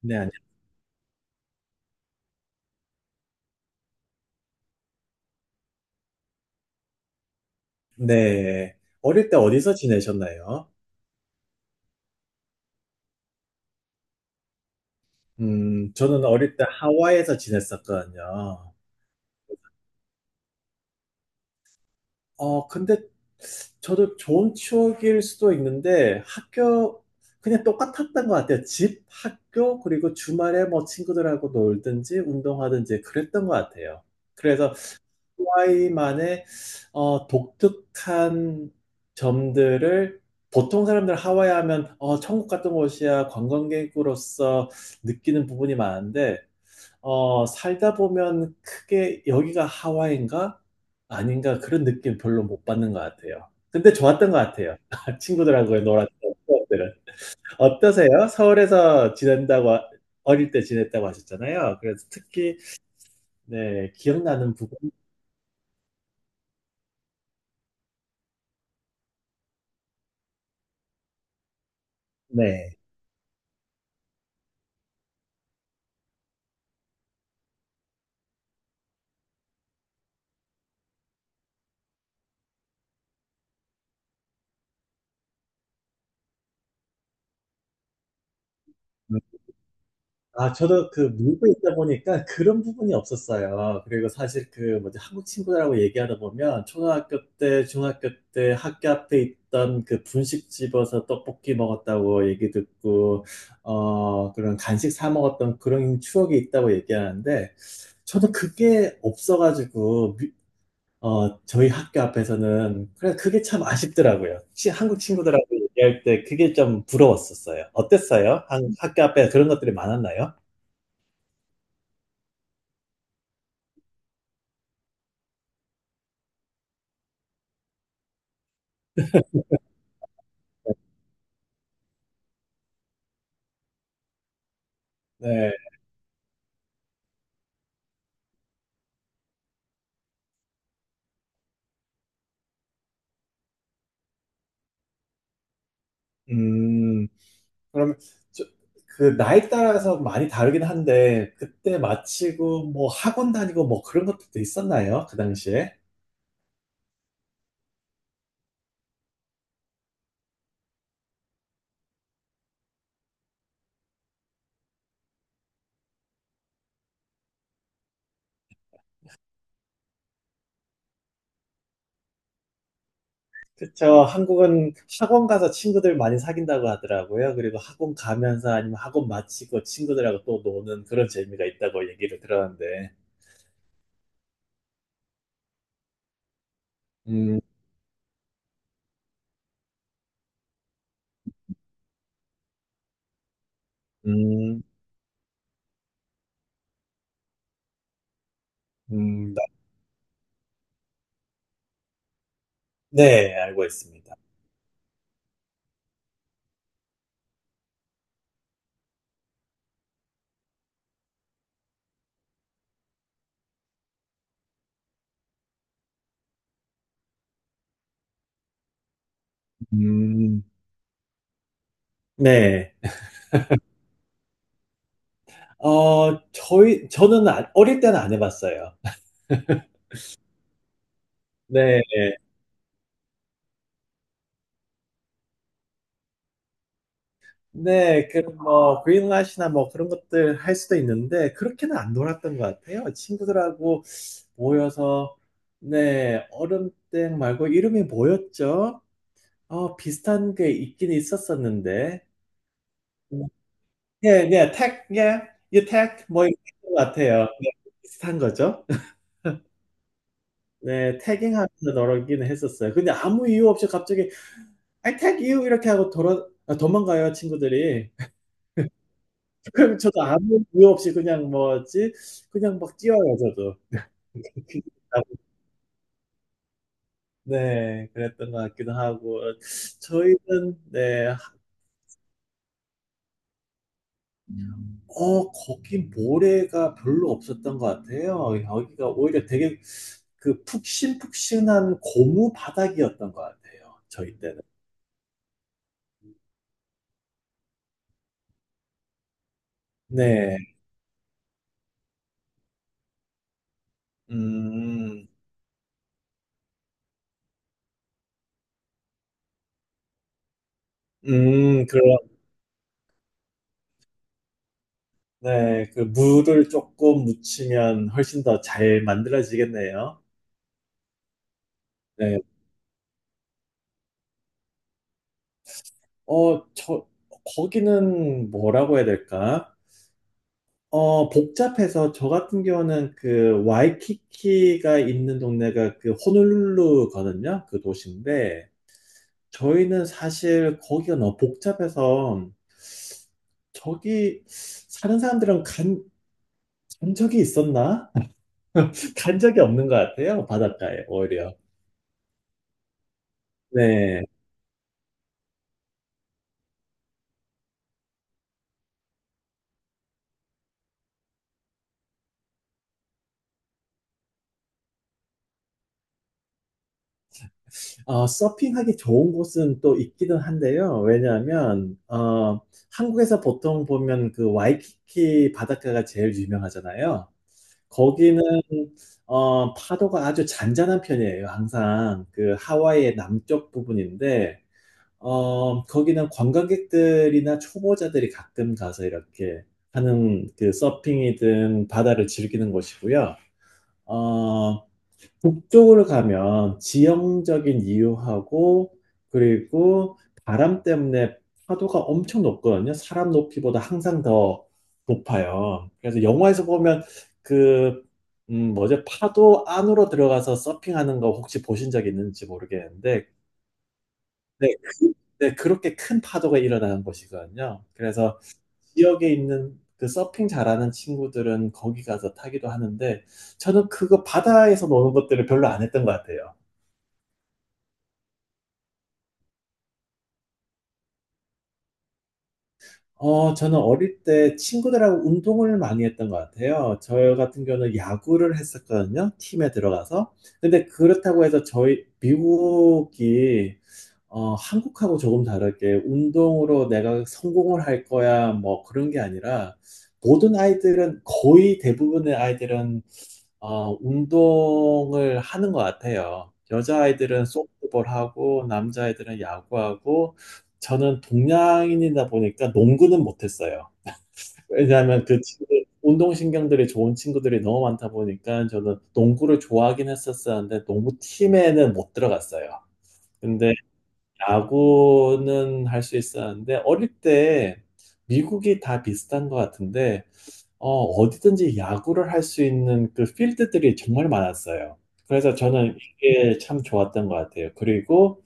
네, 안녕. 네. 어릴 때 어디서 지내셨나요? 저는 어릴 때 하와이에서 지냈었거든요. 근데 저도 좋은 추억일 수도 있는데 학교 그냥 똑같았던 것 같아요. 집, 학교, 그리고 주말에 뭐 친구들하고 놀든지 운동하든지 그랬던 것 같아요. 그래서 하와이만의 독특한 점들을 보통 사람들 하와이 하면 천국 같은 곳이야 관광객으로서 느끼는 부분이 많은데 살다 보면 크게 여기가 하와이인가 아닌가 그런 느낌 별로 못 받는 것 같아요. 근데 좋았던 것 같아요. 친구들하고 놀았던 추억들은. 어떠세요? 서울에서 지낸다고 어릴 때 지냈다고 하셨잖아요. 그래서 특히 네, 기억나는 부분. 네. 아, 저도 그 밀고 있다 보니까 그런 부분이 없었어요. 그리고 사실 그 뭐지 한국 친구들하고 얘기하다 보면 초등학교 때, 중학교 때 학교 앞에 있던 그 분식집에서 떡볶이 먹었다고 얘기 듣고 그런 간식 사 먹었던 그런 추억이 있다고 얘기하는데 저도 그게 없어가지고 저희 학교 앞에서는 그래 그게 참 아쉽더라고요. 한국 친구들하고 얘기할 때 그게 좀 부러웠었어요. 어땠어요? 한 학교 앞에 그런 것들이 많았나요? 네. 음. 그러면 저 그 나이 따라서 많이 다르긴 한데 그때 마치고 뭐 학원 다니고 뭐 그런 것들도 있었나요? 그 당시에? 그쵸. 한국은 학원 가서 친구들 많이 사귄다고 하더라고요. 그리고 학원 가면서 아니면 학원 마치고 친구들하고 또 노는 그런 재미가 있다고 얘기를 들었는데. 음, 음, 음. 네, 알고 있습니다. 음, 네. 저는 어릴 때는 안 해봤어요. 네. 네, 그, 뭐, 그린라시나 뭐 그런 것들 할 수도 있는데, 그렇게는 안 놀았던 것 같아요. 친구들하고 모여서, 네, 얼음땡 말고 이름이 뭐였죠? 비슷한 게 있긴 있었었는데. 네, 네, 택, 예, 이 택, 뭐, 이런 것 같아요. 네, 비슷한 거죠? 네, 태깅하면서 널어기는 했었어요. 근데 아무 이유 없이 갑자기 I tag you 이렇게 하고 돌아 아 도망가요, 친구들이. 그럼 저도 아무 이유 없이 그냥 뭐지 그냥 막 뛰어요, 저도. 네, 그랬던 것 같기도 하고. 저희는 네 거기 모래가 별로 없었던 것 같아요. 여기가 오히려 되게 그 푹신푹신한 고무 바닥이었던 것 같아요, 저희 때는. 네. 음. 그런 네, 그 물을 조금 묻히면 훨씬 더 잘 만들어지겠네요. 네, 저, 거기는 뭐라고 해야 될까? 복잡해서 저 같은 경우는 그 와이키키가 있는 동네가 그 호놀룰루거든요. 그 도시인데 저희는 사실 거기가 너무 복잡해서 저기 사는 사람들은 간 적이 있었나? 간 적이 없는 것 같아요. 바닷가에 오히려. 네. 서핑하기 좋은 곳은 또 있기는 한데요. 왜냐하면, 한국에서 보통 보면 그 와이키키 바닷가가 제일 유명하잖아요. 거기는, 파도가 아주 잔잔한 편이에요. 항상 그 하와이의 남쪽 부분인데, 거기는 관광객들이나 초보자들이 가끔 가서 이렇게 하는 그 서핑이든 바다를 즐기는 곳이고요. 어, 북쪽으로 가면 지형적인 이유하고 그리고 바람 때문에 파도가 엄청 높거든요. 사람 높이보다 항상 더 높아요. 그래서 영화에서 보면 그, 뭐죠? 파도 안으로 들어가서 서핑하는 거 혹시 보신 적 있는지 모르겠는데 네, 그, 네, 그렇게 큰 파도가 일어나는 곳이거든요. 그래서 지역에 있는 그 서핑 잘하는 친구들은 거기 가서 타기도 하는데, 저는 그거 바다에서 노는 것들을 별로 안 했던 것 같아요. 저는 어릴 때 친구들하고 운동을 많이 했던 것 같아요. 저 같은 경우는 야구를 했었거든요. 팀에 들어가서. 근데 그렇다고 해서 미국이 한국하고 조금 다르게 운동으로 내가 성공을 할 거야, 뭐 그런 게 아니라 모든 아이들은 거의 대부분의 아이들은 운동을 하는 것 같아요. 여자아이들은 소프트볼하고 남자아이들은 야구하고 저는 동양인이다 보니까 농구는 못했어요. 왜냐하면 그 친구들, 운동신경들이 좋은 친구들이 너무 많다 보니까 저는 농구를 좋아하긴 했었었는데 농구팀에는 못 들어갔어요. 근데 야구는 할 수 있었는데 어릴 때 미국이 다 비슷한 것 같은데 어디든지 야구를 할 수 있는 그 필드들이 정말 많았어요. 그래서 저는 이게 참 좋았던 것 같아요. 그리고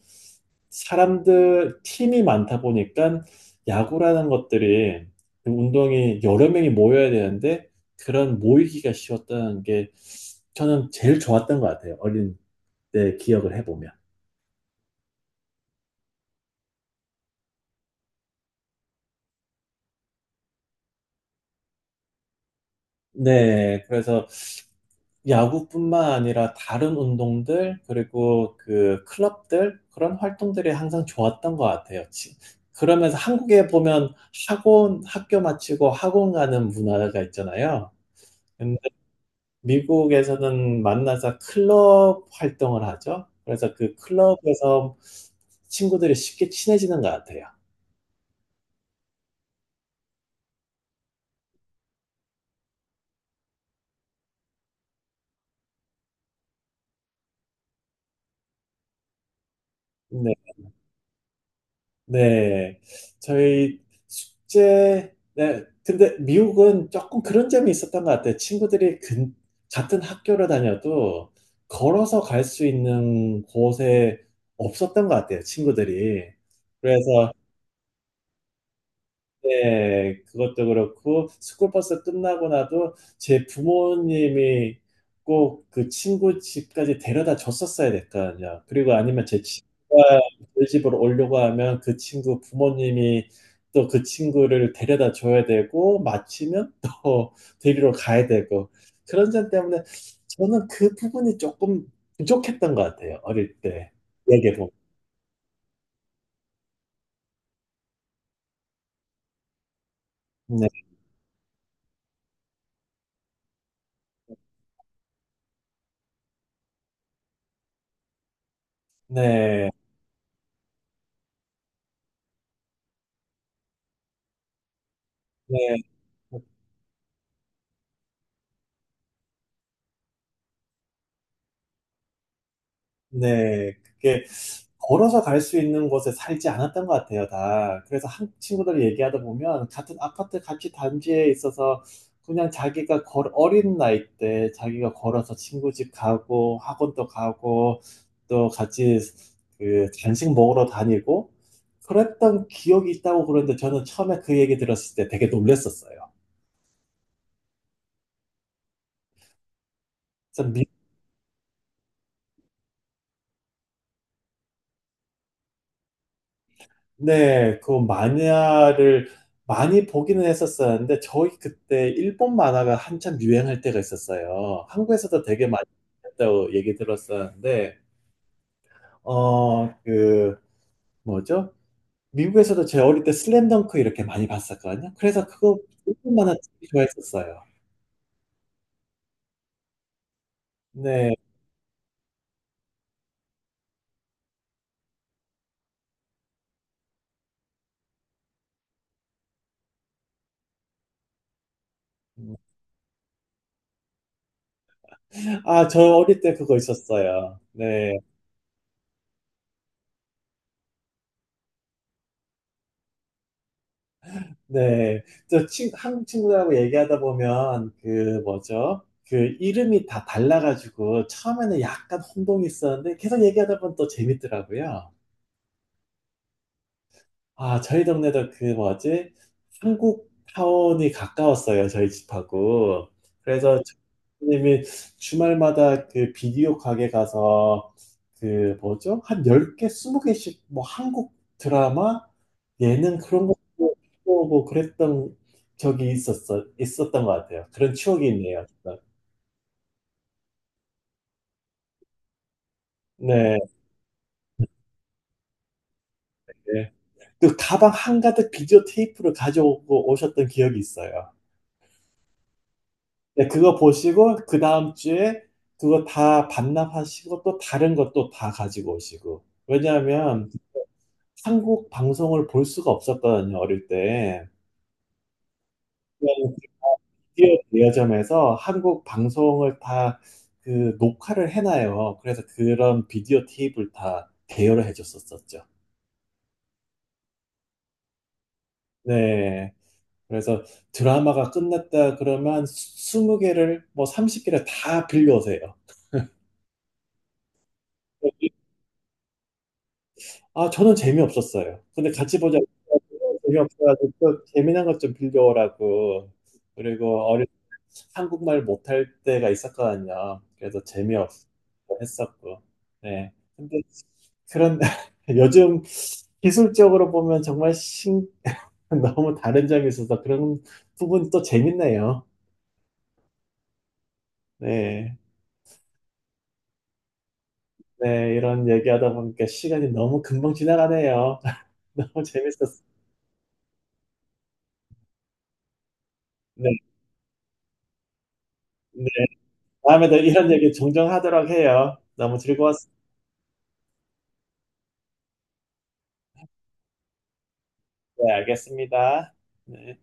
사람들 팀이 많다 보니까 야구라는 것들이 그 운동이 여러 명이 모여야 되는데 그런 모이기가 쉬웠다는 게 저는 제일 좋았던 것 같아요. 어린 때 기억을 해보면. 네, 그래서 야구뿐만 아니라 다른 운동들, 그리고 그 클럽들, 그런 활동들이 항상 좋았던 것 같아요. 그러면서 한국에 보면 학원, 학교 마치고 학원 가는 문화가 있잖아요. 근데 미국에서는 만나서 클럽 활동을 하죠. 그래서 그 클럽에서 친구들이 쉽게 친해지는 것 같아요. 네. 네, 저희 숙제, 네, 근데 미국은 조금 그런 점이 있었던 것 같아요. 같은 학교를 다녀도 걸어서 갈 수 있는 곳에 없었던 것 같아요, 친구들이. 그래서 네, 그것도 그렇고 스쿨버스 끝나고 나도 제 부모님이 꼭 그 친구 집까지 데려다 줬었어야 됐거든요. 그리고 아니면 제 친구가 저희 집으로 오려고 하면 그 친구 부모님이 또 그 친구를 데려다 줘야 되고 마치면 또 데리러 가야 되고 그런 점 때문에 저는 그 부분이 조금 부족했던 것 같아요. 어릴 때 얘기해 보면. 네, 네, 네. 네, 그게 걸어서 갈 수 있는 곳에 살지 않았던 것 같아요, 다. 그래서 한 친구들 얘기하다 보면 같은 아파트 같이 단지에 있어서 그냥 자기가 걸, 어린 나이 때 자기가 걸어서 친구 집 가고 학원도 가고 또 같이 그 간식 먹으러 다니고 그랬던 기억이 있다고 그러는데 저는 처음에 그 얘기 들었을 때 되게 놀랬었어요. 네, 그 만화를 많이 보기는 했었었는데, 저희 그때 일본 만화가 한참 유행할 때가 있었어요. 한국에서도 되게 많이 했다고 얘기 들었었는데, 어, 그, 뭐죠? 미국에서도 제 어릴 때 슬램덩크 이렇게 많이 봤었거든요. 그래서 그거 일본 만화 되게 좋아했었어요. 네. 음. 아, 저 어릴 때 그거 있었어요. 네. 네, 저 친, 한국 친구들하고 얘기하다 보면 그 뭐죠? 그 이름이 다 달라가지고 처음에는 약간 혼동이 있었는데 계속 얘기하다 보면 또 재밌더라고요. 아, 저희 동네도 그 뭐지? 한국 타운이 가까웠어요, 저희 집하고. 그래서 님이 주말마다 그 비디오 가게 가서 그 뭐죠? 한 10개, 20개씩 뭐 한국 드라마, 예능 그런 거 보고 그랬던 있었던 것 같아요. 그런 추억이 있네요. 네. 네. 그 가방 한가득 비디오 테이프를 가져오고 오셨던 기억이 있어요. 네, 그거 보시고 그 다음 주에 그거 다 반납하시고 또 다른 것도 다 가지고 오시고. 왜냐하면 한국 방송을 볼 수가 없었거든요, 어릴 때. 그냥 디오 대여점에서 한국 방송을 다 그 녹화를 해놔요. 그래서 그런 비디오 테이프를 다 대여를 해줬었었죠. 네. 그래서 드라마가 끝났다 그러면 20개를 뭐 30개를 다 빌려오세요. 아, 저는 재미없었어요. 근데 같이 보자고 해가지고 재미없어가지고 또 재미난 것 좀 빌려오라고. 그리고 어릴 때 한국말 못할 때가 있었거든요. 그래서 재미없어 했었고. 네. 근데 그런 요즘 기술적으로 보면 정말 신 너무 다른 점이 있어서 그런 부분이 또 재밌네요. 네. 네, 이런 얘기하다 보니까 시간이 너무 금방 지나가네요. 너무 재밌었어요. 네. 네. 다음에도 이런 얘기 종종 하도록 해요. 너무 즐거웠습니다. 네, 알겠습니다. 네.